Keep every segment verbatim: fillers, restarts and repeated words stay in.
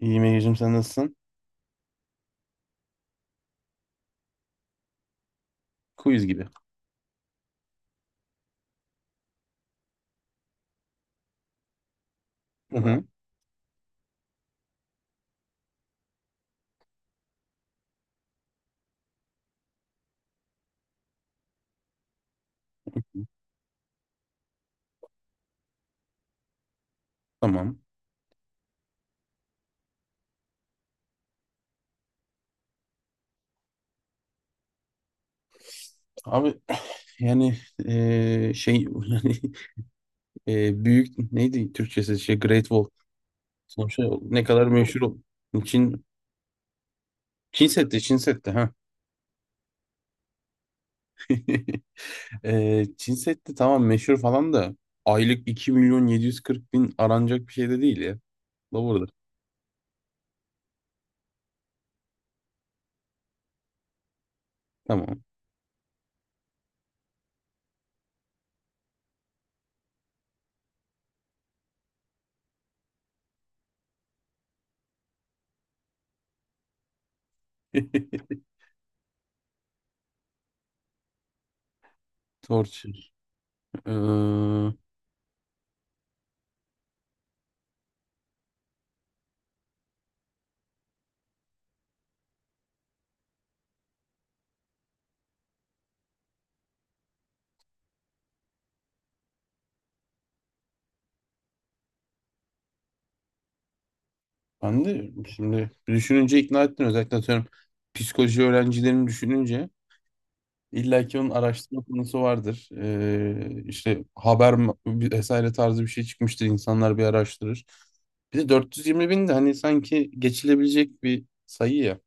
İyiyim Ege'cim sen nasılsın? Quiz gibi. Hı hı. Tamam. Abi yani eee, şey yani eee, büyük neydi Türkçesi şey Great Wall. Sonuçta ne kadar meşhur ol- Çin Çin Seddi Çin Seddi ha. Eee Çin Seddi, tamam, meşhur falan da aylık iki milyon yedi yüz kırk bin aranacak bir şey de değil ya. Lover'dır. Tamam. Torture. Eee, ben de şimdi düşününce ikna ettin, özellikle atıyorum psikoloji öğrencilerini düşününce. İlla ki onun araştırma konusu vardır. Ee, işte haber m- vesaire tarzı bir şey çıkmıştır. İnsanlar bir araştırır. Bir de dört yüz yirmi bin de hani sanki geçilebilecek bir sayı ya.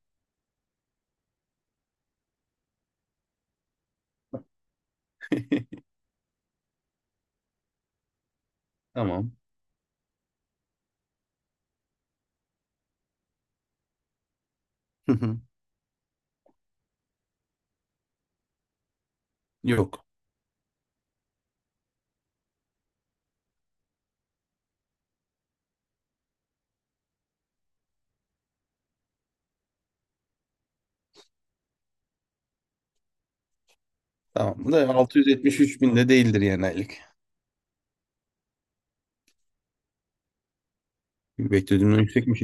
Tamam. Hı hı. Yok. Tamam. Bu da altı yüz yetmiş üç bin de değildir yani aylık. Beklediğimden yüksekmiş.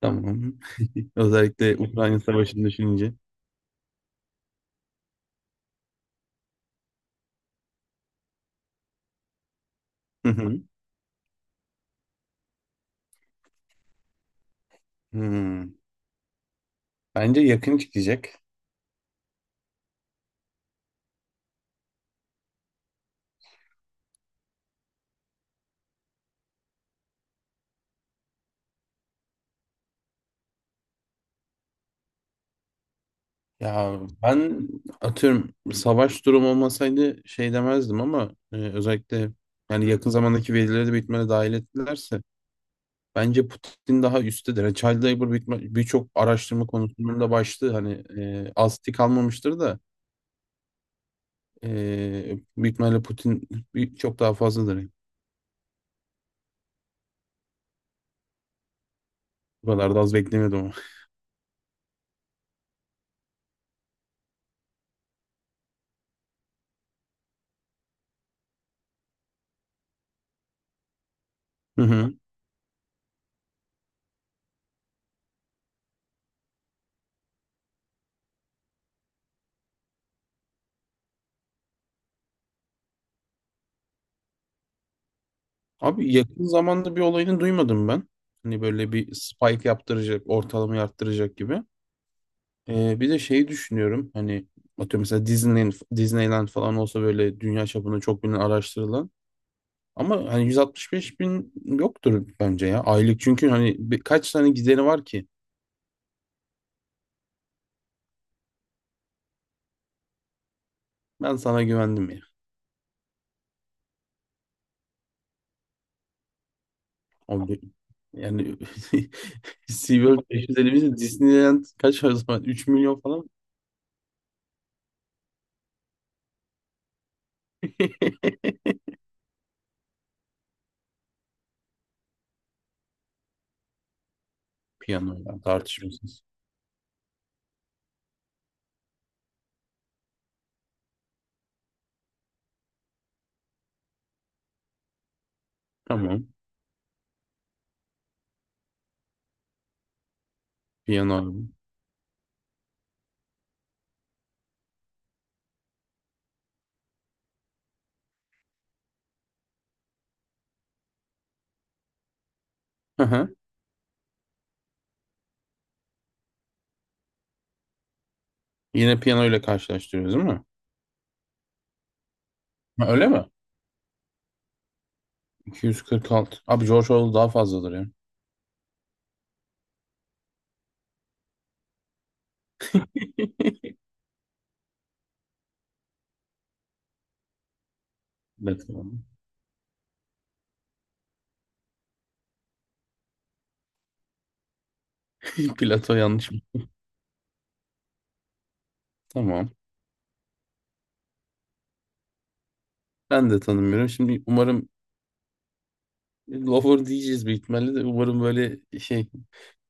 Tamam. Özellikle Ukrayna Savaşı'nı düşününce. Hı hı. Hmm. Bence yakın çıkacak. Ya ben atıyorum, savaş durumu olmasaydı şey demezdim ama e, özellikle yani yakın zamandaki verileri de bitmene dahil ettilerse bence Putin daha üsttedir. Yani child labor bitme birçok araştırma konusunun da başlığı hani e, asti kalmamıştır da e, büyük ihtimalle Putin bir- çok daha fazladır. Yani. Bu kadar da az beklemiyordum ama. Hı hı. Abi, yakın zamanda bir olayını duymadım ben. Hani böyle bir spike yaptıracak, ortalamayı arttıracak gibi. Ee, bir de şeyi düşünüyorum hani, atıyorum mesela Disneyland, Disneyland falan olsa böyle dünya çapında çok bilinen, araştırılan, ama hani yüz altmış beş bin yoktur bence ya aylık, çünkü hani bir- kaç tane gideri var ki. Ben sana güvendim ya. O bir- yani SeaWorld beş yüz elli bin, Disneyland kaç o zaman, üç milyon falan. Piyano ya, tartışmasız. Tamam, piyano. Albüm. Hı hı. Yine piyano ile karşılaştırıyoruz değil mi? Ha, öyle mi? iki yüz kırk altı. Abi, George Orwell daha fazladır ya. Evet, tamam. Plato yanlış mı? Tamam. Ben de tanımıyorum. Şimdi umarım lover diyeceğiz büyük ihtimalle de, umarım böyle şey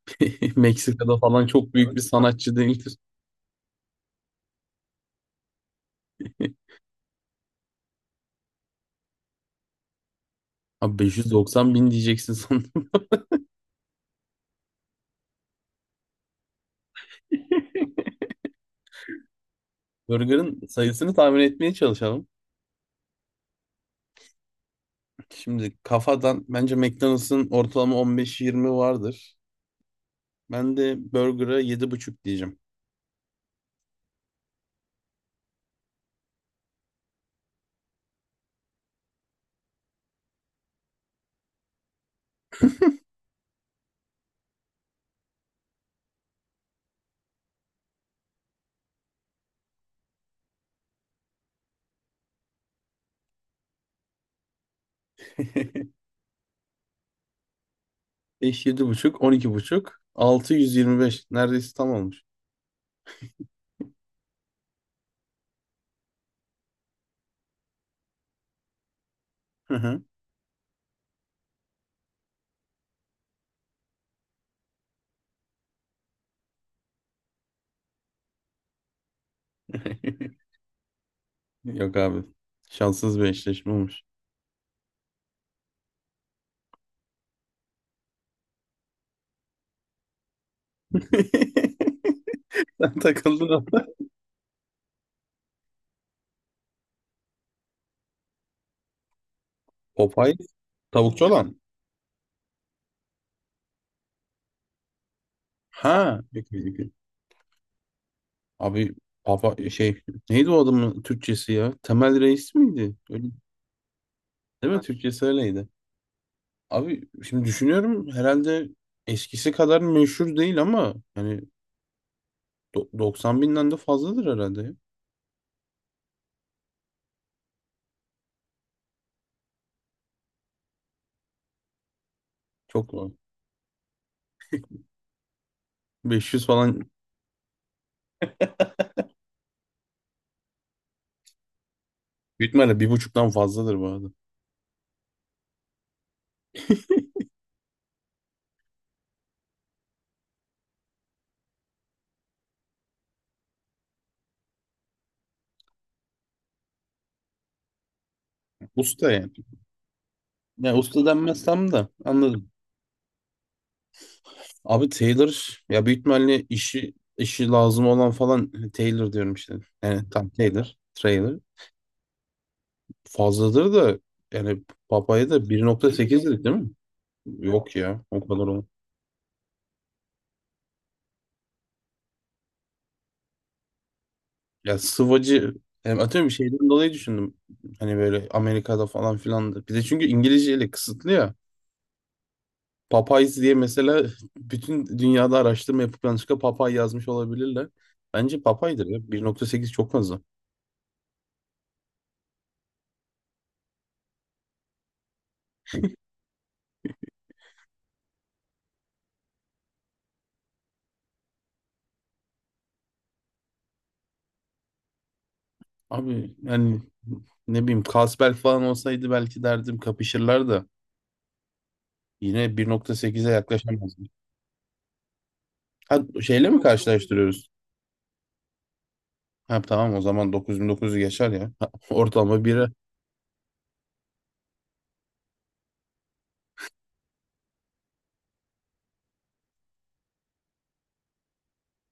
Meksika'da falan çok büyük bir sanatçı değildir. Abi beş yüz doksan bin diyeceksin sandım. Burger'ın sayısını tahmin etmeye çalışalım. Şimdi kafadan bence McDonald's'ın ortalama on beş yirmi vardır. Ben de Burger'a yedi buçuk diyeceğim. beş, yedi buçuk, on iki buçuk, altı yüz yirmi beş. Neredeyse tam olmuş. Hı hı. Yok abi. Şanssız bir eşleşme olmuş. Sen takıldın orada. Popeye, tavukçu olan. Ha. Peki, peki. Abi, papa şey, neydi o adamın Türkçesi ya? Temel Reis miydi? Öyle, değil mi? Ha, Türkçesi öyleydi. Abi, şimdi düşünüyorum, herhalde eskisi kadar meşhur değil ama yani do- doksan binden de fazladır herhalde ya. Çok var. beş yüz falan. Büyük ihtimalle bir buçuktan fazladır bu arada. Usta yani. Ya usta denmezsem de anladım. Abi, Taylor ya, büyük ihtimalle işi işi lazım olan falan Taylor diyorum işte. Yani tam Taylor, Trailer. Fazladır da, yani Papa'ya da bir nokta sekiz dedik değil mi? Yok ya, o kadar olmaz. Ya, sıvacı yani, atıyorum bir şeyden dolayı düşündüm. Hani böyle Amerika'da falan filan. Bir de çünkü İngilizceyle kısıtlı ya. Popeyes diye mesela bütün dünyada araştırma yapıp yanlışlıkla Popeye yazmış olabilirler. Bence Popeye'dir ya. bir nokta sekiz çok fazla. Abi, yani ne bileyim, Kasbel falan olsaydı belki derdim kapışırlar da, yine bir nokta sekize yaklaşamazdım. Ha, şeyle mi karşılaştırıyoruz? Ha tamam, o zaman dokuz bin dokuz yüz geçer ya. Ha, ortalama bire.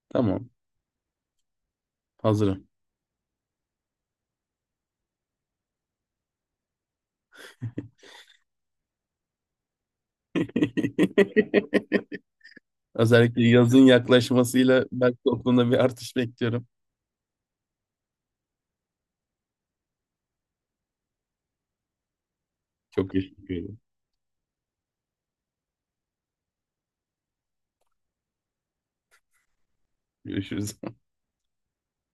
Tamam, hazırım. Özellikle yazın yaklaşmasıyla ben toplumda bir artış bekliyorum. Çok teşekkür ederim. Görüşürüz.